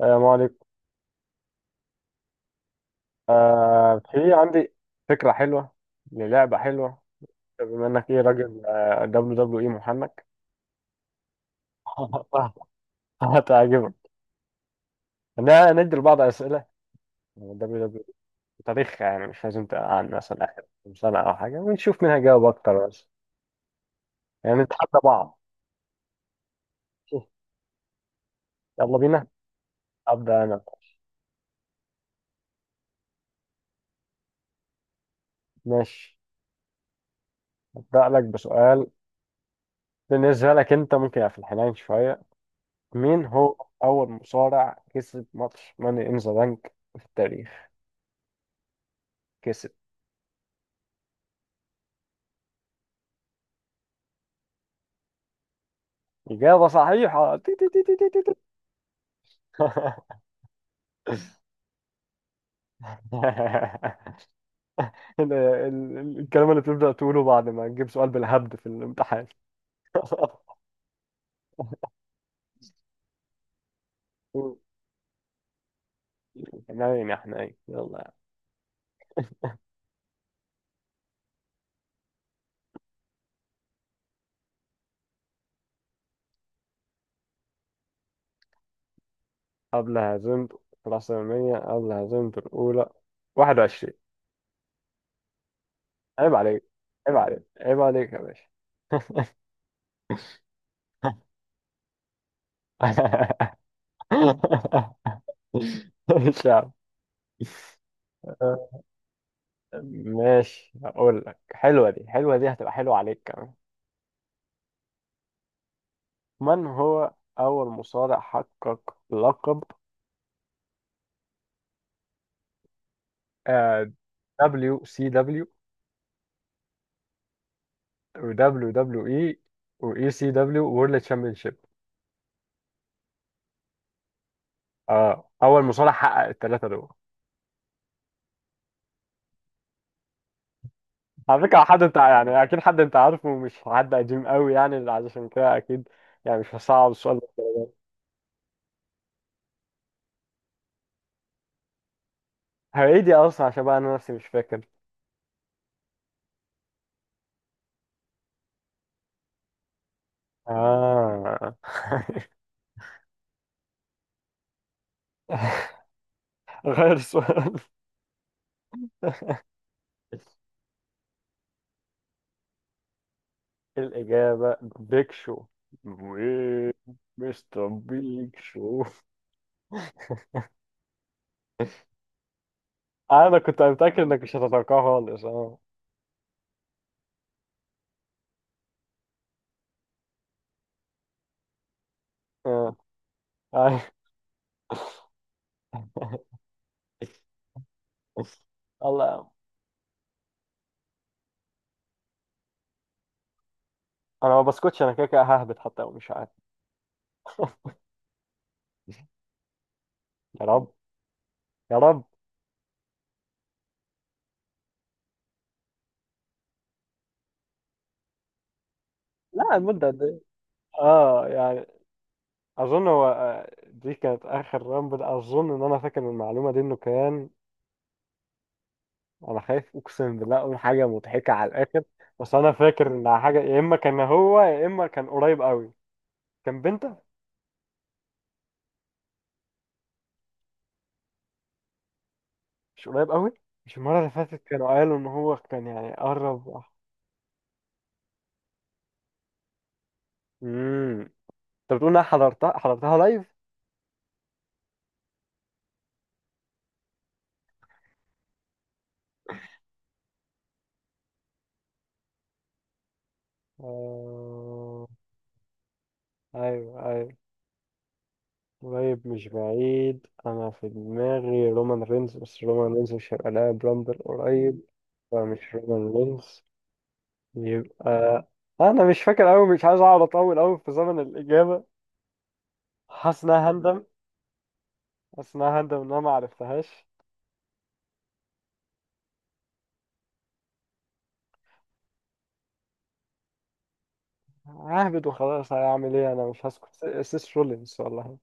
السلام عليكم. في عندي فكرة حلوة، للعبة حلوة، بما انك راجل دبليو دبليو اي محنك. هتعجبك. انا ندي لبعض اسئلة دبليو دبليو، تاريخ، يعني مش لازم عن مثلا اخر كام سنة او حاجة، ونشوف مين هيجاوب اكتر، بس يعني نتحدى بعض. يلا بينا. ابدا انا. ماشي، ابدا لك بسؤال. بالنسبة لك انت، ممكن يبقى في الحنين شوية. مين هو اول مصارع كسب ماتش ماني ان ذا بانك في التاريخ؟ كسب. إجابة صحيحة. تي تي تي تي تي تي تي. الكلام اللي بتبدأ تقوله بعد ما تجيب سؤال بالهبد في الامتحان. حنين يا حنين، يلا. قبل هزمت العاصمية، قبل هزمت الأولى، 21. عيب عليك، عيب عليك، عيب عليك يا باشا. مش عارف. ماشي هقول لك، حلوة دي، حلوة دي هتبقى حلوة عليك كمان. من هو أول مصارع حقق لقب، آه، WCW و WWE و ECW World Championship؟ اه، أول مصارع حقق الثلاثة دول. على فكرة حد أنت يعني، أكيد حد أنت عارفه، مش حد قديم قوي يعني، عشان كده أكيد يعني مش هصعب السؤال ده. هي دي أصلا عشان بقى أنا نفسي مش فاكر. آه. غير السؤال. الإجابة بيك شو. وإيه؟ مستر بيك شو. أنا كنت متأكد إنك مش هتتوقعها خالص. أه. أه. أيوة. الله. أنا ما بسكتش، أنا كده كده ههبط حتى لو مش عارف. يا رب، يا رب. لا المدة قد إيه؟ أه يعني، أظن هو، دي كانت آخر رامبل، أظن إن أنا فاكر المعلومة دي، إنه كان، أنا خايف أقسم بالله أقول حاجة مضحكة على الآخر، بس أنا فاكر إنها حاجة يا إما كان هو، يا إما كان قريب أوي. كان بنته. مش قريب قوي. مش المره اللي فاتت كانوا قالوا ان هو كان يعني قرب. امم انت بتقول انا حضرتها، حضرتها لايف. آه... ايوه ايوه، قريب مش بعيد، انا في دماغي رومان رينز، بس رومان رينز مش هيبقى لاعب رامبل قريب. فمش رومان رينز يبقى. انا مش فاكر قوي، مش عايز اقعد اطول قوي في زمن الاجابه. حاسس ان انا هندم. حاسس ان انا هندم ان انا ما عرفتهاش. ههبد وخلاص، هعمل ايه، انا مش هسكت. سيس رولينز والله.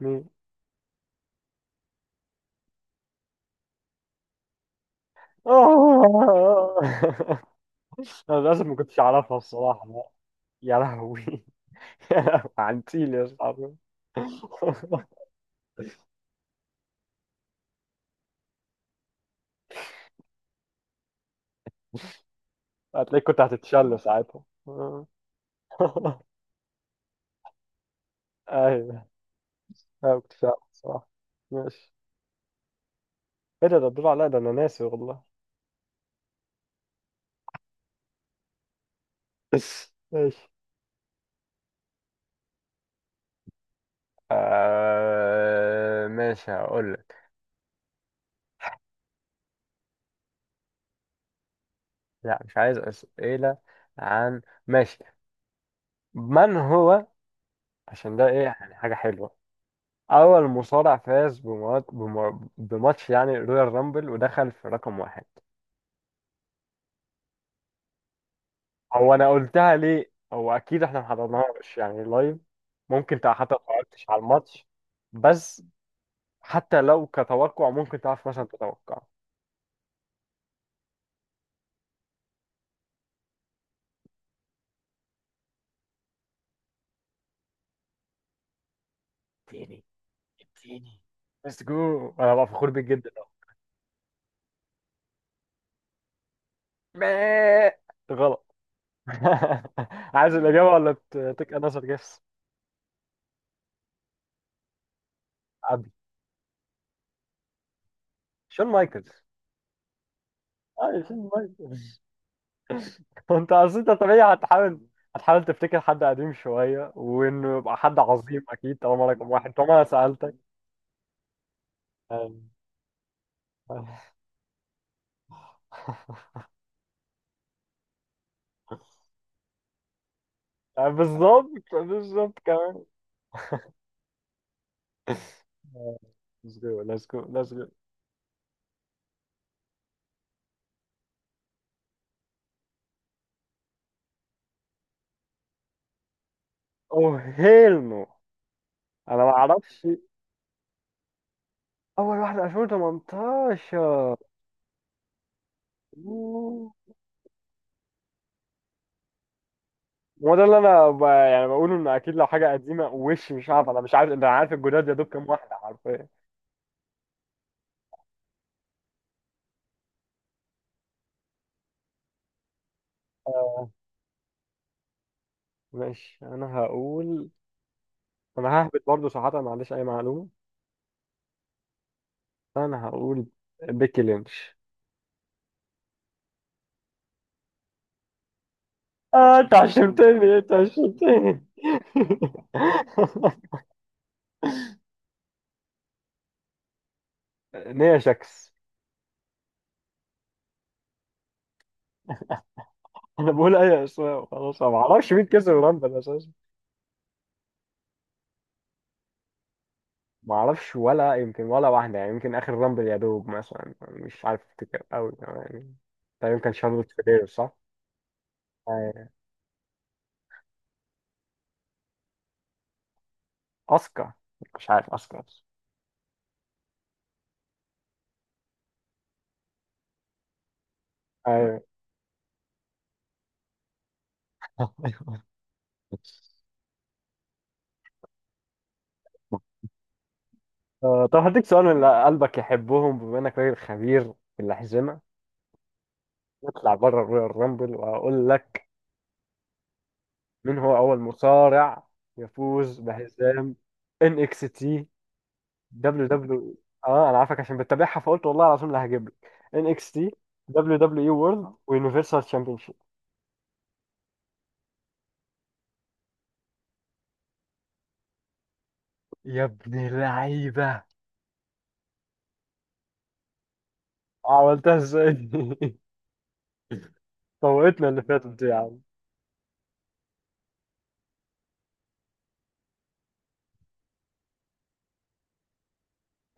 مين؟ آه. انا للاسف ما كنتش اعرفها الصراحه، لا. يا لهوي. يا لهوي، عنتيل يا صاحبي. هتلاقيك كنت هتتشل ساعتها. آه. ايوه، انا ما كنتش اعرف الصراحه. ماشي. ايه ده؟ ده الدور عليا؟ ده انا ناسي والله. ماشي. آه ماشي هقول لك. لا، مش عايز أسئلة عن، ماشي، من هو، عشان ده ايه يعني حاجة حلوة، أول مصارع فاز بموتش يعني رودر رامبل ودخل في رقم واحد. هو أنا قلتها لي أو أكيد إحنا حضرنا، مش يعني لايم، ممكن تعرف حتى قررتش على ماتش، بس حتى لو كتوقع ممكن تعرف ماشان تتوقع. تاني. تاني. مستكو أنا بفخور بجدنا. مااا. تغلب. عايز الأجاوة اللي تتك أنا صار جس. أبي. شلون ما يكون؟ آه، شلون ما يكون؟ انت اصل انت طبيعي هتحاول، هتحاول تفتكر حد قديم شويه وانه يبقى حد عظيم اكيد طالما رقم واحد طالما انا سالتك. يعني. بالظبط بالظبط كمان. Let's go, let's go, let's go. Oh hell no. انا ما اعرفش. اول واحده 2018. أوه. هو ده اللي انا ب، يعني بقوله ان اكيد لو حاجه قديمه وش، مش عارف انا، مش عارف انت عارف الجداد يا دوب كام واحده حرفيا. آه، ماشي انا هقول، انا ههبط برضه صراحه، ما عنديش اي معلومه. انا هقول بيكي لينش. اه انت عشمتني، انت عشمتني. نيا شكس. انا بقول اي اسماء وخلاص، أنا ما اعرفش مين كسب الرامبل اساسا. ما اعرفش ولا يمكن ولا واحده يعني، يمكن اخر رامبل يا دوب مثلا، مش عارف افتكر قوي يعني. طيب كان شارلوت فلير صح؟ آه، اسكا. مش عارف اسكا. ايوه. طب هديك سؤال من اللي قلبك يحبهم، بما انك راجل خبير في الاحزمه. نطلع بره الرويال رامبل واقول لك. من هو أول مصارع يفوز بحزام ان اكس تي دبليو دبليو؟ اه انا عارفك عشان بتتابعها فقلت والله العظيم اللي هجيب لك. ان اكس تي دبليو دبليو اي وورلد ويونيفرسال شيب. يا ابن اللعيبه. عملتها ازاي؟ فوقتنا اللي فاتت دي يا عم.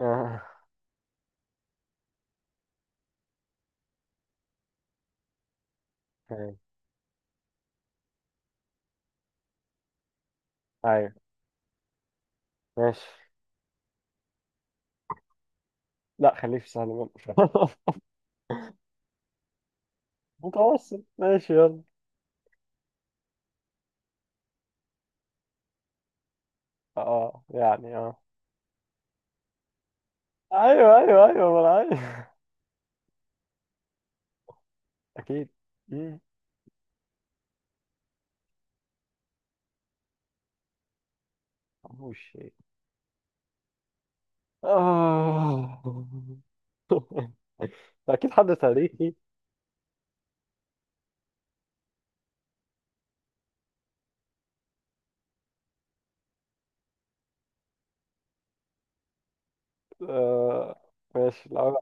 اه. تمام. ايوه، ماشي. لا خليك في سهل منه. متوسط، ماشي يلا. اه يعني اه. ايوه ايوه ايوه ما انا عارف. اكيد. مم. مش، آه. أكيد حد تاريخي. آه. ماشي الأول.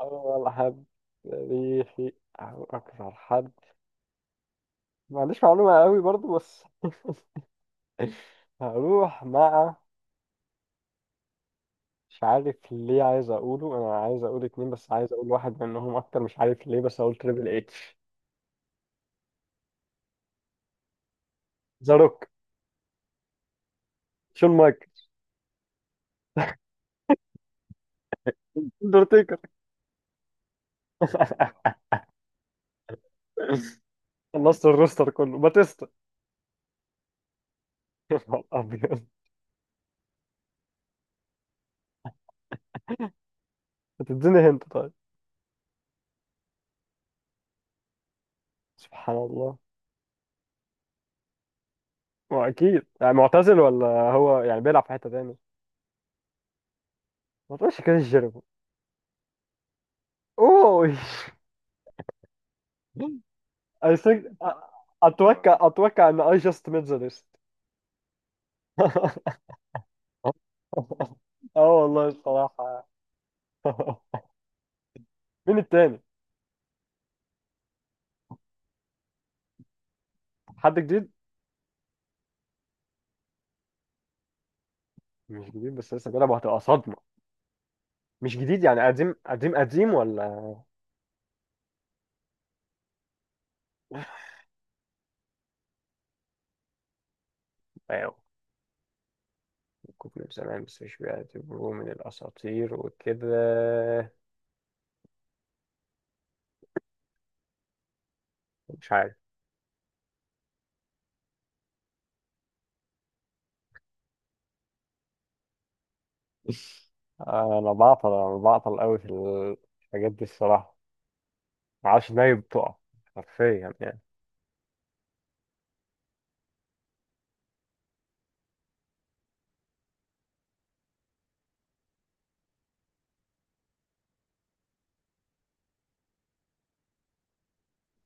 أول حد تاريخي أو أكثر حد. ما عنديش معلومة قوي برضو بس. هروح مع، مش عارف ليه عايز أقوله، أنا عايز أقول اتنين بس عايز أقول واحد منهم أكتر مش عارف ليه، بس أقول تريبل اتش. ذا روك. شون مايك. اندرتيكر. خلصت الروستر كله، باتيستا. يا نهار أبيض. هتديني هنت طيب. سبحان الله. ما هو اكيد يعني معتزل ولا هو يعني بيلعب في حته تاني. ما تقولش كده جيربو. اوه. I think. اتوقع اتوقع ان I just made the list. اه والله الصراحه. مين التاني؟ حد جديد. مش جديد بس لسه بيلعب وهتبقى صدمه. مش جديد يعني قديم قديم قديم ولا، ايوه، ممكن من زمان بس مش بيعتبروه من الاساطير وكده. مش عارف. انا بعطل قوي في الحاجات دي الصراحه. معرفش ازاي بتقع حرفيا يعني.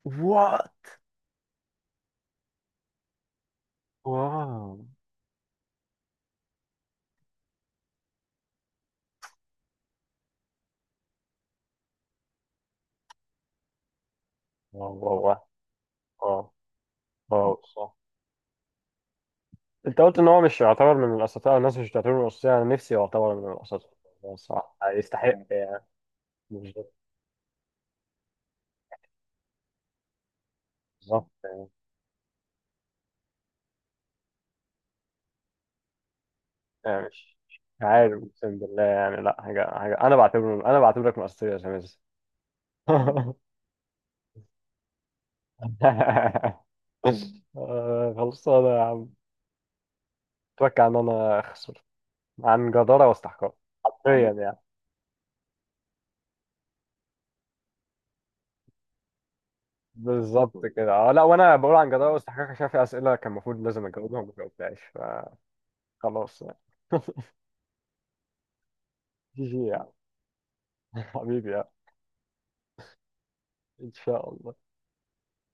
واو. واو واو واو. واو. واو. واو صح. انت قلت ان هو مش يعتبر من الاساطير او الناس مش بتعتبره من الاساطير، انا نفسي يعتبر من الاساطير، هو صح يستحق يعني. مش، بالظبط يعني. يعني مش مش عارف اقسم بالله، يعني لا حاجه حاجه انا بعتبره، انا بعتبرك من الاساطير يا شمس. خلصانه يا عم. اتوقع ان انا اخسر عن جداره واستحقاق. حرفيا يعني. بالظبط كده اه، لا وانا بقول عن جدارة واستحقاق عشان في اسئله كان المفروض لازم اجاوبها وما جاوبتهاش، فخلاص يعني. جي جي يعني. حبيبي يعني. ان شاء الله.